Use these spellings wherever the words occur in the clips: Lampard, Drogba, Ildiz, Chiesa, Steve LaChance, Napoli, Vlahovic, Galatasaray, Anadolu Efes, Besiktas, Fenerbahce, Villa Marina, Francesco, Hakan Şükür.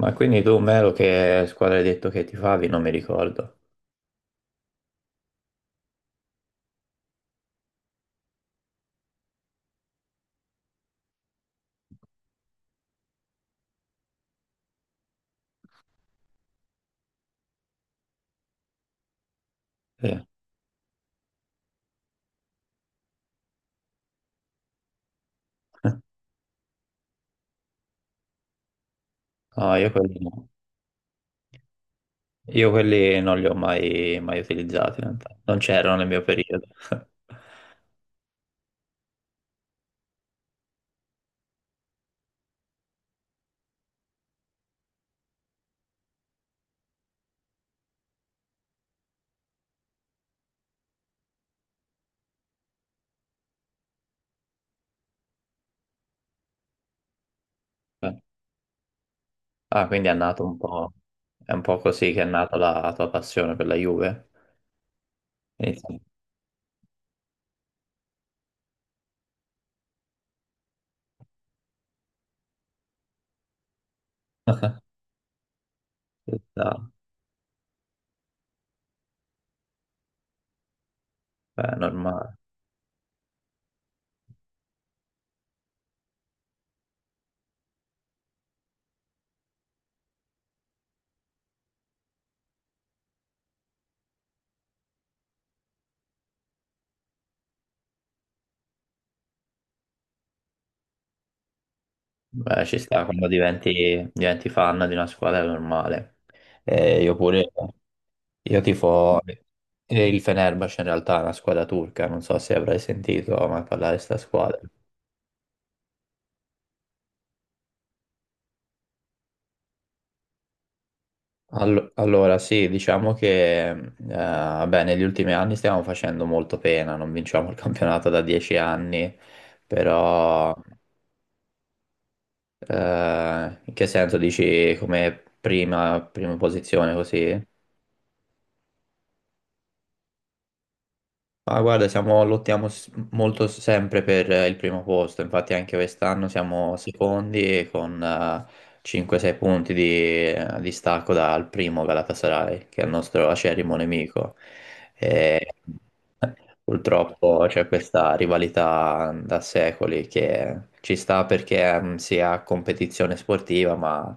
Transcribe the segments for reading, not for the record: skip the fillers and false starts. Ma quindi tu, Melo, che squadra hai detto che tifavi? Non mi ricordo. Sì. No, io quelli, no. Io quelli non li ho mai utilizzati, in realtà. Non c'erano nel mio periodo. Eh. Ah, quindi è nato un po', è un po' così che è nata la tua passione per la Juve? Inizia- Ci sta. Beh, è normale. Beh, ci sta, quando diventi fan di una squadra è normale. Io pure. Io tifo il Fenerbahce, in realtà è una squadra turca, non so se avrai sentito mai parlare di questa squadra. Allora, sì, diciamo che beh, negli ultimi anni stiamo facendo molto pena, non vinciamo il campionato da 10 anni, però in che senso dici come prima posizione così? Ah, guarda, lottiamo molto sempre per il primo posto, infatti anche quest'anno siamo secondi e con 5-6 punti di distacco dal primo Galatasaray, che è il nostro acerrimo nemico. E, purtroppo c'è questa rivalità da secoli che ci sta perché si ha competizione sportiva, ma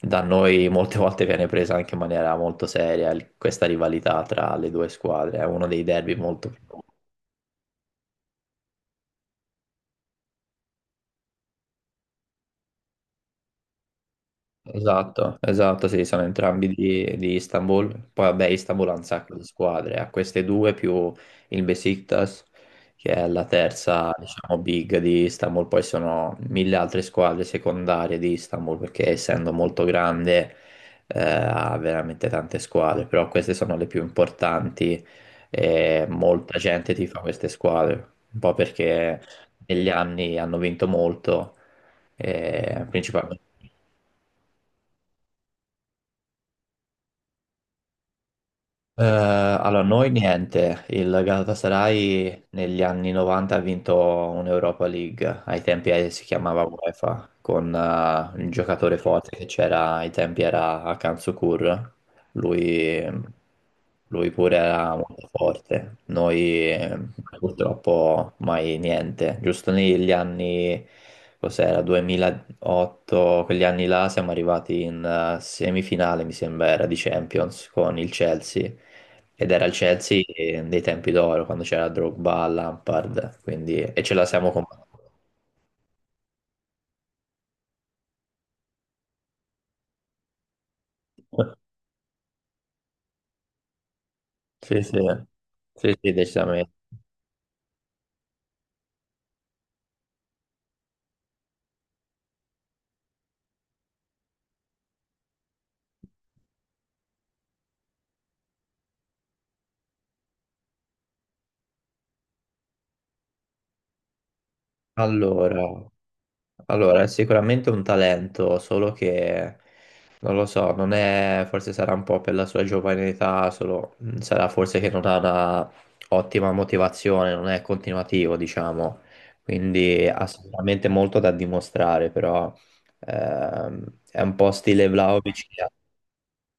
da noi molte volte viene presa anche in maniera molto seria questa rivalità tra le due squadre, è uno dei derby molto, più. Esatto, esatto, sì, sono entrambi di Istanbul. Poi vabbè, Istanbul ha un sacco di squadre, ha queste due più il Besiktas, che è la terza, diciamo, big di Istanbul. Poi sono mille altre squadre secondarie di Istanbul, perché essendo molto grande, ha veramente tante squadre, però queste sono le più importanti e molta gente tifa queste squadre, un po' perché negli anni hanno vinto molto, principalmente. Allora, noi niente, il Galatasaray negli anni 90 ha vinto un'Europa League, ai tempi si chiamava UEFA, con il giocatore forte che c'era ai tempi era Hakan Şükür, lui, lui pure era molto forte, noi purtroppo mai niente, giusto negli anni, cos'era, 2008, quegli anni là siamo arrivati in semifinale mi sembra era di Champions con il Chelsea ed era il Chelsea dei tempi d'oro, quando c'era Drogba, Lampard, quindi e ce la siamo combattuta. Sì, sì, sì, sì, decisamente. Allora, allora, è sicuramente un talento, solo che non lo so, non è, forse sarà un po' per la sua giovane età, solo sarà forse che non ha una ottima motivazione, non è continuativo, diciamo. Quindi ha sicuramente molto da dimostrare, però è un po' stile Vlahovic,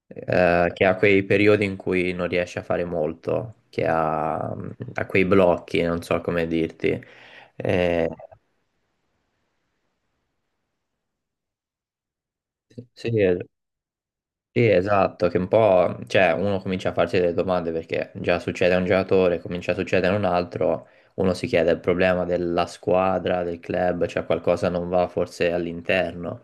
che ha quei periodi in cui non riesce a fare molto, che ha quei blocchi, non so come dirti. Eh, sì, sì, esatto, che un po', cioè, uno comincia a farsi delle domande perché già succede a un giocatore, comincia a succedere a un altro, uno si chiede il problema della squadra, del club, cioè qualcosa non va forse all'interno.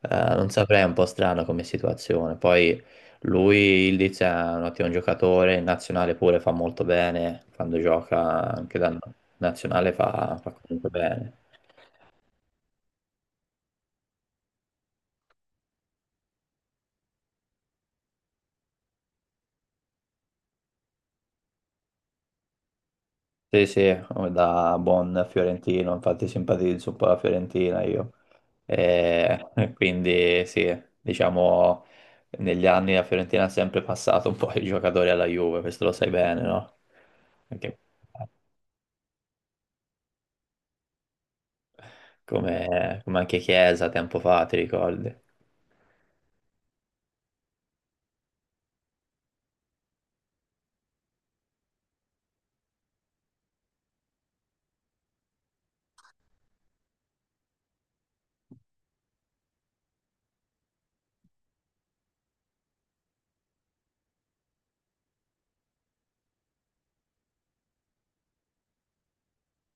Non saprei, è un po' strano come situazione. Poi lui, Ildiz, è un ottimo giocatore, in nazionale pure fa molto bene, quando gioca anche da nazionale fa comunque bene. Sì, sì, da buon fiorentino, infatti simpatizzo un po' la Fiorentina io. E quindi sì, diciamo, negli anni la Fiorentina ha sempre passato un po' i giocatori alla Juve, questo lo sai bene, no? Anche- come, come anche Chiesa tempo fa, ti ricordi?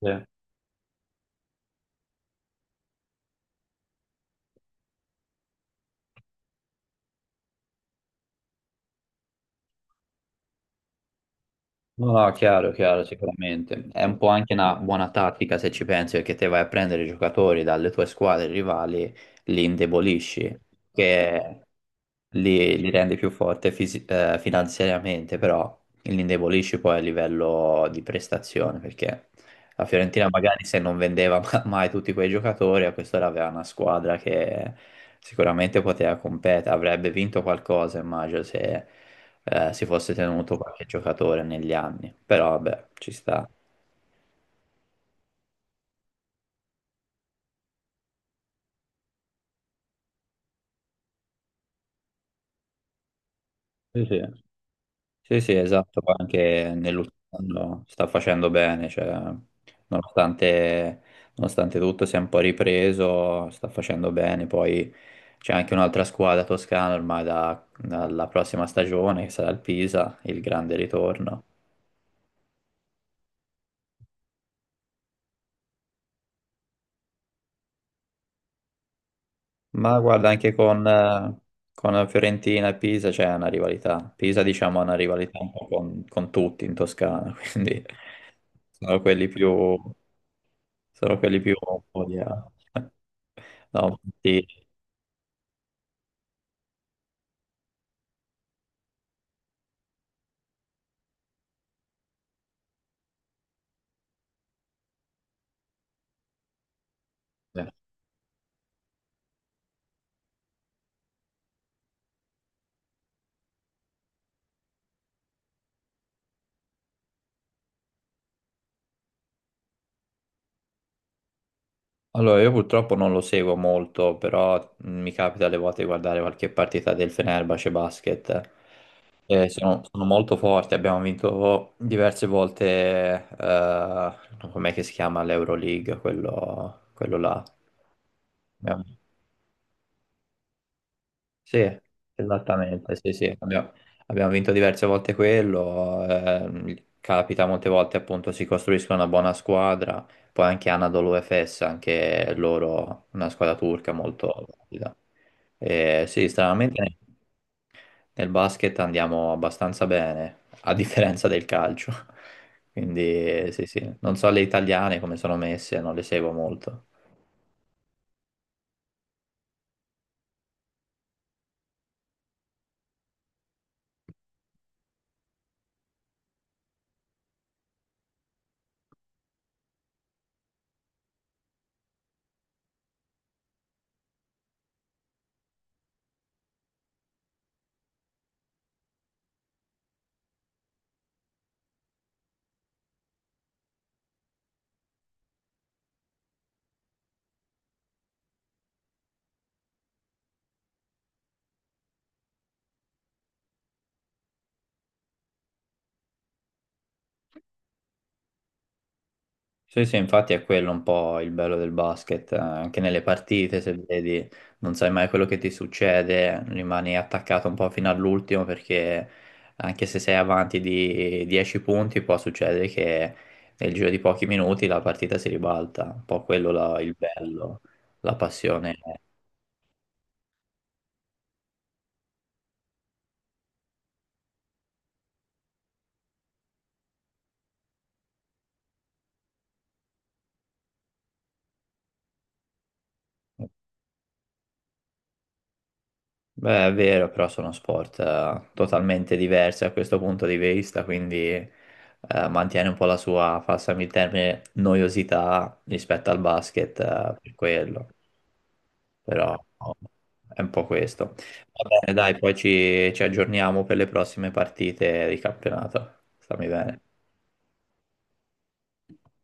Sì. No, no, chiaro, chiaro, sicuramente. È un po' anche una buona tattica se ci pensi, perché te vai a prendere i giocatori dalle tue squadre rivali, li indebolisci. Che li rende più forte finanziariamente, però li indebolisci poi a livello di prestazione, perché la Fiorentina magari se non vendeva mai tutti quei giocatori, a quest'ora aveva una squadra che sicuramente poteva competere, avrebbe vinto qualcosa, immagino, se si fosse tenuto qualche giocatore negli anni, però vabbè, ci sta. Sì, sì. Sì, sì, esatto, poi anche nell'ultimo anno sta facendo bene, cioè, nonostante, nonostante tutto si è un po' ripreso, sta facendo bene, poi c'è anche un'altra squadra toscana ormai dalla prossima stagione, che sarà il Pisa, il grande ritorno. Ma guarda, anche con Fiorentina e Pisa c'è una rivalità. Pisa, diciamo, ha una rivalità un po' con tutti in Toscana, quindi sono quelli più... Sono quelli più un po' di- No, sì. Allora, io purtroppo non lo seguo molto, però mi capita alle volte di guardare qualche partita del Fenerbahce Basket. Eh, sono molto forti, abbiamo vinto diverse volte, com'è che si chiama l'Euroleague, quello là. Sì, esattamente, sì, sì. Abbiamo vinto diverse volte quello, capita molte volte appunto si costruiscono una buona squadra, poi anche Anadolu Efes, anche loro una squadra turca molto valida. E sì, stranamente nel basket andiamo abbastanza bene, a differenza del calcio. Quindi sì, sì, non so le italiane come sono messe, non le seguo molto. Sì, sì, infatti è quello un po' il bello del basket, anche nelle partite, se vedi, non sai mai quello che ti succede, rimani attaccato un po' fino all'ultimo perché anche se sei avanti di 10 punti può succedere che nel giro di pochi minuti la partita si ribalta, un po' quello il bello, la passione. Beh, è vero, però sono sport totalmente diversi a questo punto di vista, quindi mantiene un po' la sua, passami il termine, noiosità rispetto al basket, per quello, però oh, è un po' questo. Va bene, dai, poi ci, ci aggiorniamo per le prossime partite di campionato. Stammi bene.